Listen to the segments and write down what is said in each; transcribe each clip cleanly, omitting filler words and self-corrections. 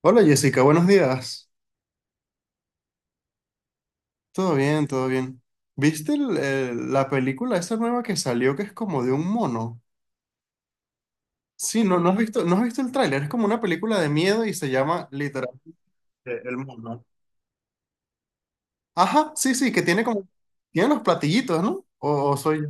Hola Jessica, buenos días. Todo bien, todo bien. ¿Viste la película esa nueva que salió que es como de un mono? Sí, no, no has visto el tráiler, es como una película de miedo y se llama literal El Mono. Ajá, sí, sí, que tiene los platillitos, ¿no? O soy yo.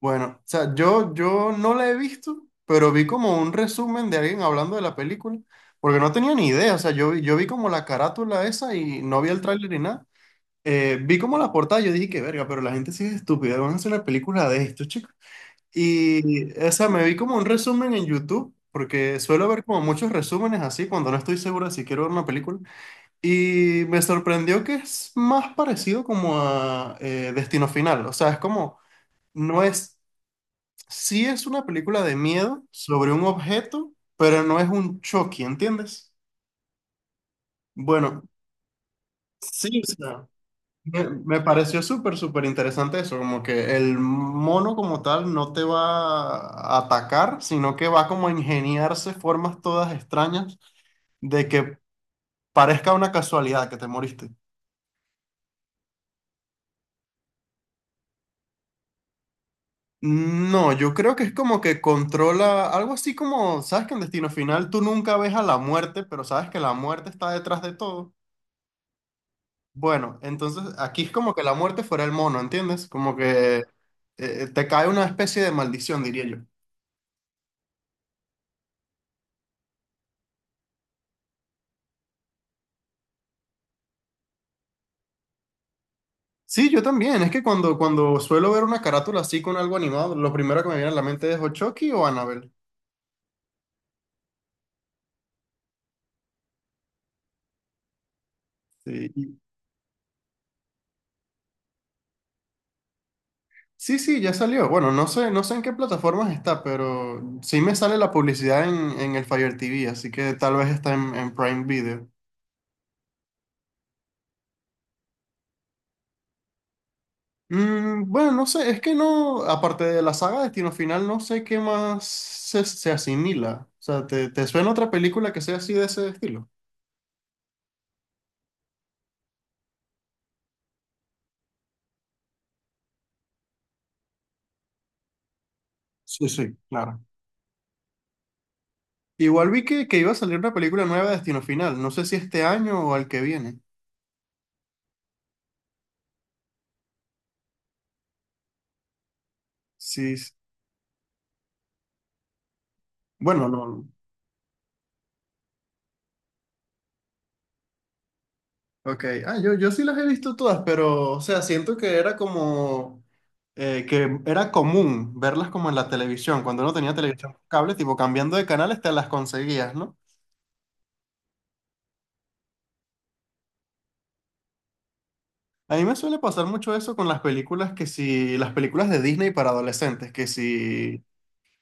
Bueno, o sea, yo no la he visto, pero vi como un resumen de alguien hablando de la película, porque no tenía ni idea, o sea, yo vi como la carátula esa y no vi el tráiler ni nada. Vi como la portada, yo dije que verga, pero la gente sí es estúpida, van a hacer una película de esto, chicos. Y, o sea, me vi como un resumen en YouTube, porque suelo ver como muchos resúmenes así cuando no estoy seguro de si quiero ver una película. Y me sorprendió que es más parecido como a Destino Final, o sea, es como, no es, sí es una película de miedo sobre un objeto, pero no es un Chucky, ¿entiendes? Bueno, sí, o sea. Me pareció súper, súper interesante eso, como que el mono como tal no te va a atacar, sino que va como a ingeniarse formas todas extrañas de que parezca una casualidad que te moriste. No, yo creo que es como que controla algo así como, sabes que en Destino Final tú nunca ves a la muerte, pero sabes que la muerte está detrás de todo. Bueno, entonces aquí es como que la muerte fuera el mono, ¿entiendes? Como que te cae una especie de maldición, diría yo. Sí, yo también. Es que cuando suelo ver una carátula así con algo animado, lo primero que me viene a la mente es o Chucky o Annabelle. Sí, sí, sí, ya salió. Bueno, no sé en qué plataformas está, pero sí me sale la publicidad en el Fire TV, así que tal vez está en Prime Video. Bueno, no sé, es que no, aparte de la saga Destino Final, no sé qué más se asimila. O sea, ¿te suena otra película que sea así de ese estilo? Sí, sí, claro. Igual vi que iba a salir una película nueva de Destino Final. No sé si este año o al que viene. Sí. Bueno, no. Ok. Ah, yo sí las he visto todas, pero, o sea, siento que era como, que era común verlas como en la televisión. Cuando uno tenía televisión por cable, tipo cambiando de canales, te las conseguías, ¿no? A mí me suele pasar mucho eso con las películas que si, las películas de Disney para adolescentes, que si, o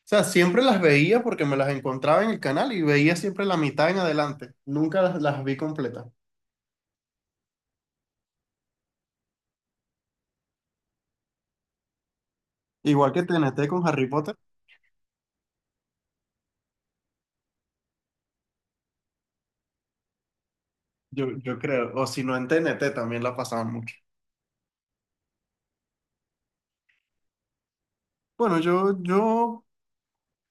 sea, siempre las veía porque me las encontraba en el canal y veía siempre la mitad en adelante. Nunca las, las vi completas. Igual que TNT con Harry Potter, yo creo, o si no en TNT también la pasaban mucho. Bueno, yo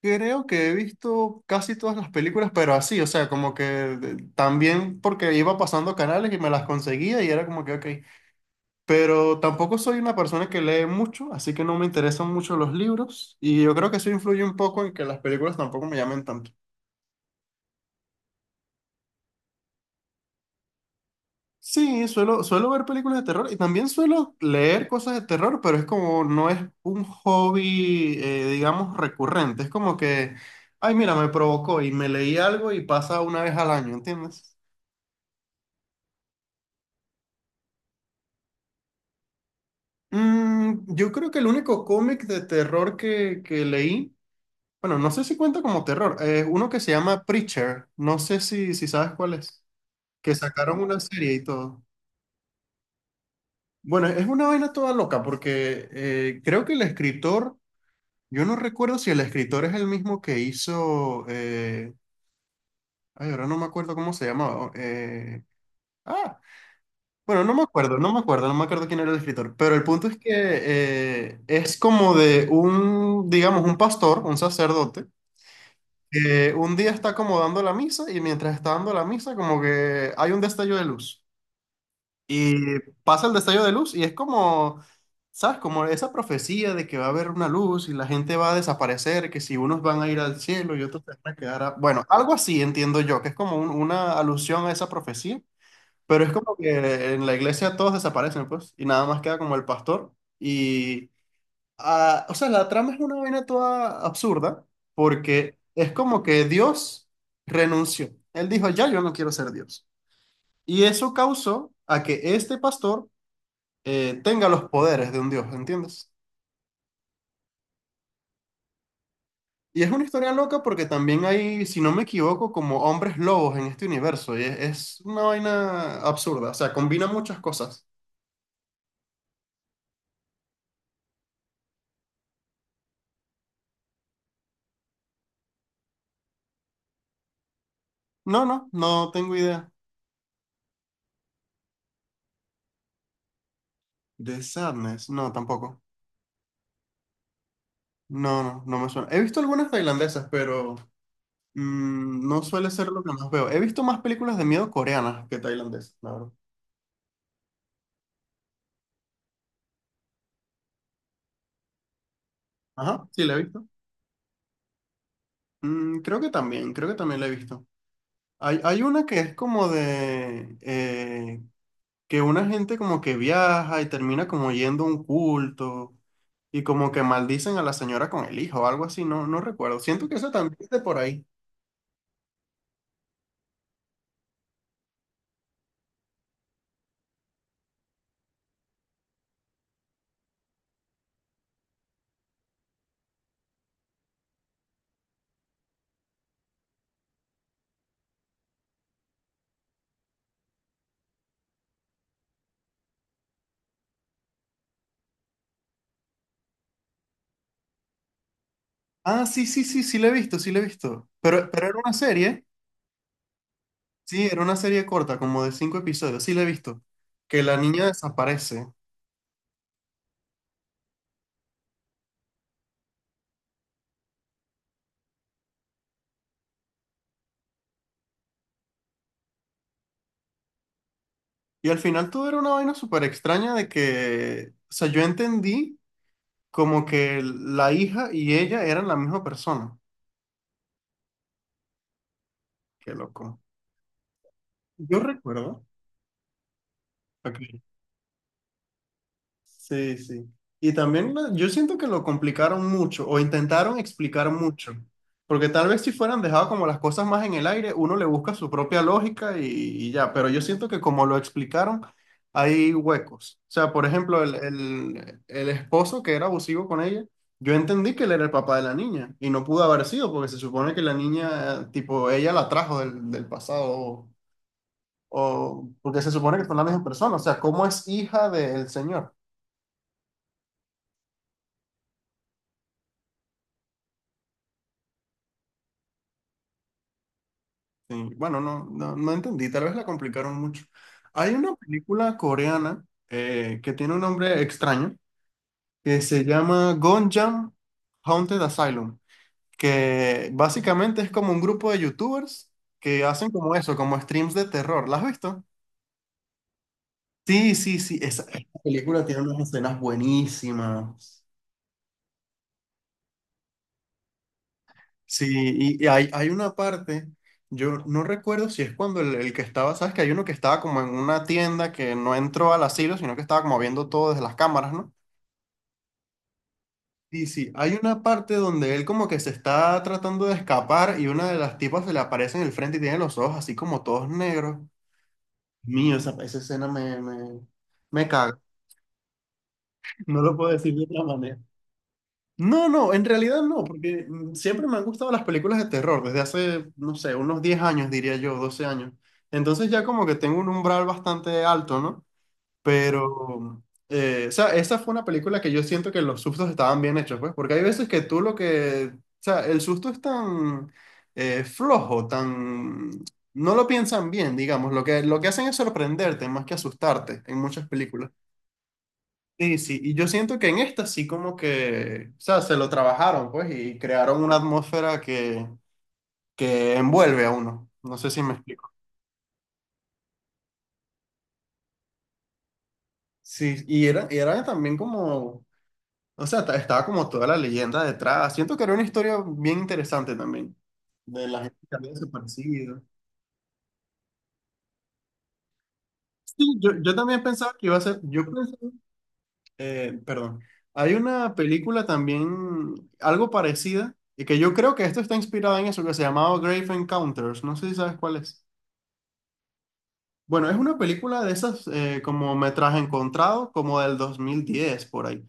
creo que he visto casi todas las películas, pero así, o sea, como que también porque iba pasando canales y me las conseguía y era como que, ok, pero tampoco soy una persona que lee mucho, así que no me interesan mucho los libros y yo creo que eso influye un poco en que las películas tampoco me llamen tanto. Sí, suelo ver películas de terror y también suelo leer cosas de terror, pero es como no es un hobby, digamos, recurrente. Es como que, ay, mira, me provocó y me leí algo y pasa una vez al año, ¿entiendes? Yo creo que el único cómic de terror que leí, bueno, no sé si cuenta como terror, es uno que se llama Preacher, no sé si sabes cuál es, que sacaron una serie y todo. Bueno, es una vaina toda loca porque creo que el escritor... Yo no recuerdo si el escritor es el mismo que hizo. Ay, ahora no me acuerdo cómo se llamaba. Ah, bueno, no me acuerdo, no me acuerdo, no me acuerdo quién era el escritor. Pero el punto es que es como de un, digamos, un pastor, un sacerdote, que un día está como dando la misa y mientras está dando la misa, como que hay un destello de luz. Y pasa el destello de luz y es como, ¿sabes? Como esa profecía de que va a haber una luz y la gente va a desaparecer, que si unos van a ir al cielo y otros se van a quedar Bueno, algo así entiendo yo, que es como una alusión a esa profecía, pero es como que en la iglesia todos desaparecen, pues, y nada más queda como el pastor. Y, ah, o sea, la trama es una vaina toda absurda, porque es como que Dios renunció. Él dijo, ya yo no quiero ser Dios. Y eso causó a que este pastor tenga los poderes de un dios, ¿entiendes? Y es una historia loca porque también hay, si no me equivoco, como hombres lobos en este universo. Y es una vaina absurda. O sea, combina muchas cosas. No, no, no tengo idea. The Sadness, no, tampoco. No, no, no me suena. He visto algunas tailandesas, pero no suele ser lo que más veo. He visto más películas de miedo coreanas que tailandesas, la verdad. Ajá, sí, la he visto. Creo que también la he visto. Hay una que es como de, que una gente como que viaja y termina como yendo a un culto y como que maldicen a la señora con el hijo o algo así, no, no recuerdo. Siento que eso también es de por ahí. Ah, sí, sí, sí, sí, la he visto, sí, la he visto. Pero era una serie, sí, era una serie corta, como de cinco episodios, sí, la he visto. Que la niña desaparece. Y al final todo era una vaina súper extraña de que, o sea, yo entendí como que la hija y ella eran la misma persona. Qué loco. Yo recuerdo. Ok, sí, sí. Y también yo siento que lo complicaron mucho o intentaron explicar mucho, porque tal vez si fueran dejado como las cosas más en el aire, uno le busca su propia lógica y ya, pero yo siento que como lo explicaron, hay huecos. O sea, por ejemplo, el esposo que era abusivo con ella, yo entendí que él era el papá de la niña y no pudo haber sido porque se supone que la niña, tipo, ella la trajo del pasado o- porque se supone que son la misma persona, o sea, ¿cómo es hija del señor? Sí, bueno, no, no, no entendí, tal vez la complicaron mucho. Hay una película coreana que tiene un nombre extraño, que se llama Gonjam Haunted Asylum, que básicamente es como un grupo de youtubers que hacen como eso, como streams de terror. ¿La has visto? Sí, sí, sí, esa película tiene unas escenas buenísimas. Sí, y hay una parte, yo no recuerdo si es cuando el que estaba, sabes que hay uno que estaba como en una tienda que no entró al asilo, sino que estaba como viendo todo desde las cámaras, ¿no? Sí, sí, hay una parte donde él como que se está tratando de escapar y una de las tipas se le aparece en el frente y tiene los ojos así como todos negros. Mío, esa escena me caga. No lo puedo decir de otra manera. No, no, en realidad no, porque siempre me han gustado las películas de terror, desde hace, no sé, unos 10 años, diría yo, 12 años. Entonces ya como que tengo un umbral bastante alto, ¿no? Pero, o sea, esa fue una película que yo siento que los sustos estaban bien hechos, pues, porque hay veces que tú lo que, o sea, el susto es tan flojo, tan. No lo piensan bien, digamos, lo que hacen es sorprenderte más que asustarte en muchas películas. Sí, sí, y yo siento que en esta sí como que, o sea, se lo trabajaron, pues, y crearon una atmósfera que envuelve a uno. No sé si me explico. Sí, y era también como, o sea, estaba como toda la leyenda detrás. Siento que era una historia bien interesante también, de la gente que había desaparecido. Sí, yo también pensaba que iba a ser, yo pensaba, perdón, hay una película también, algo parecida, y que yo creo que esto está inspirada en eso, que se llamaba Grave Encounters, no sé si sabes cuál es. Bueno, es una película de esas como metraje encontrado, como del 2010 por ahí.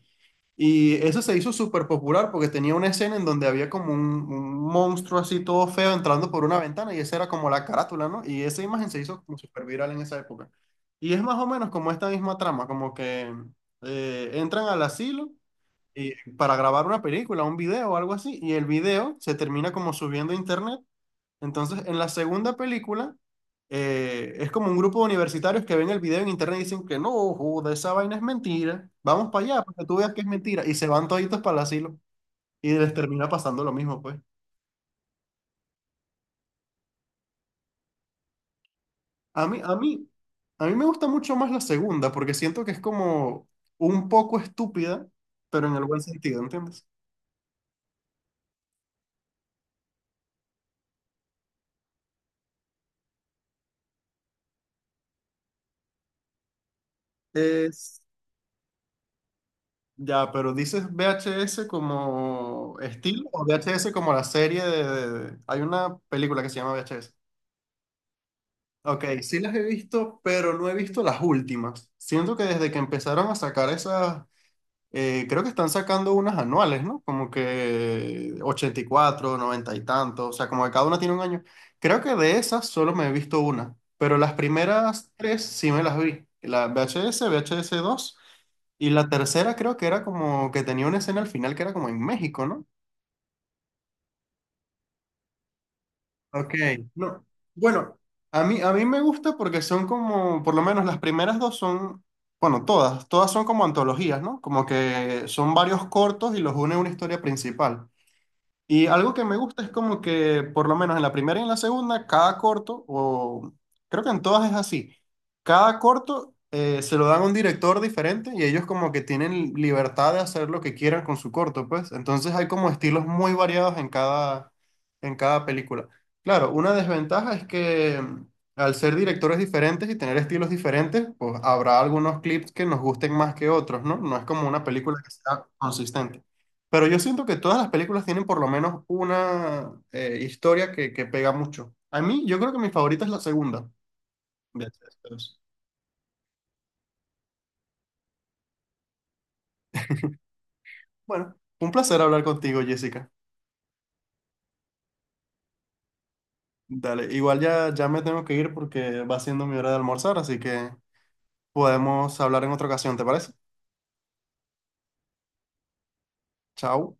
Y eso se hizo súper popular porque tenía una escena en donde había como un monstruo así todo feo entrando por una ventana y esa era como la carátula, ¿no? Y esa imagen se hizo como súper viral en esa época. Y es más o menos como esta misma trama, como que entran al asilo para grabar una película, un video o algo así, y el video se termina como subiendo a internet entonces, en la segunda película, es como un grupo de universitarios que ven el video en internet y dicen que no, joda, esa vaina es mentira. Vamos para allá, para que tú veas que es mentira. Y se van toditos para el asilo. Y les termina pasando lo mismo, pues. A mí, a mí, a mí me gusta mucho más la segunda, porque siento que es como un poco estúpida, pero en el buen sentido, ¿entiendes? Es. Ya, pero dices VHS como estilo o VHS como la serie. Hay una película que se llama VHS. Ok, sí las he visto, pero no he visto las últimas. Siento que desde que empezaron a sacar esas, creo que están sacando unas anuales, ¿no? Como que 84, 90 y tanto, o sea, como que cada una tiene un año. Creo que de esas solo me he visto una, pero las primeras tres sí me las vi. La VHS, VHS 2 y la tercera creo que era como que tenía una escena al final que era como en México, ¿no? Ok, no. Bueno, a mí me gusta porque son como, por lo menos las primeras dos son, bueno, todas son como antologías, ¿no? Como que son varios cortos y los une una historia principal. Y algo que me gusta es como que, por lo menos en la primera y en la segunda, cada corto, o creo que en todas es así, cada corto se lo dan a un director diferente y ellos como que tienen libertad de hacer lo que quieran con su corto, pues. Entonces hay como estilos muy variados en cada película. Claro, una desventaja es que al ser directores diferentes y tener estilos diferentes, pues habrá algunos clips que nos gusten más que otros, ¿no? No es como una película que sea consistente. Pero yo siento que todas las películas tienen por lo menos una historia que pega mucho. A mí, yo creo que mi favorita es la segunda. De esas. Bueno, un placer hablar contigo, Jessica. Dale, igual ya me tengo que ir porque va siendo mi hora de almorzar, así que podemos hablar en otra ocasión, ¿te parece? Chao.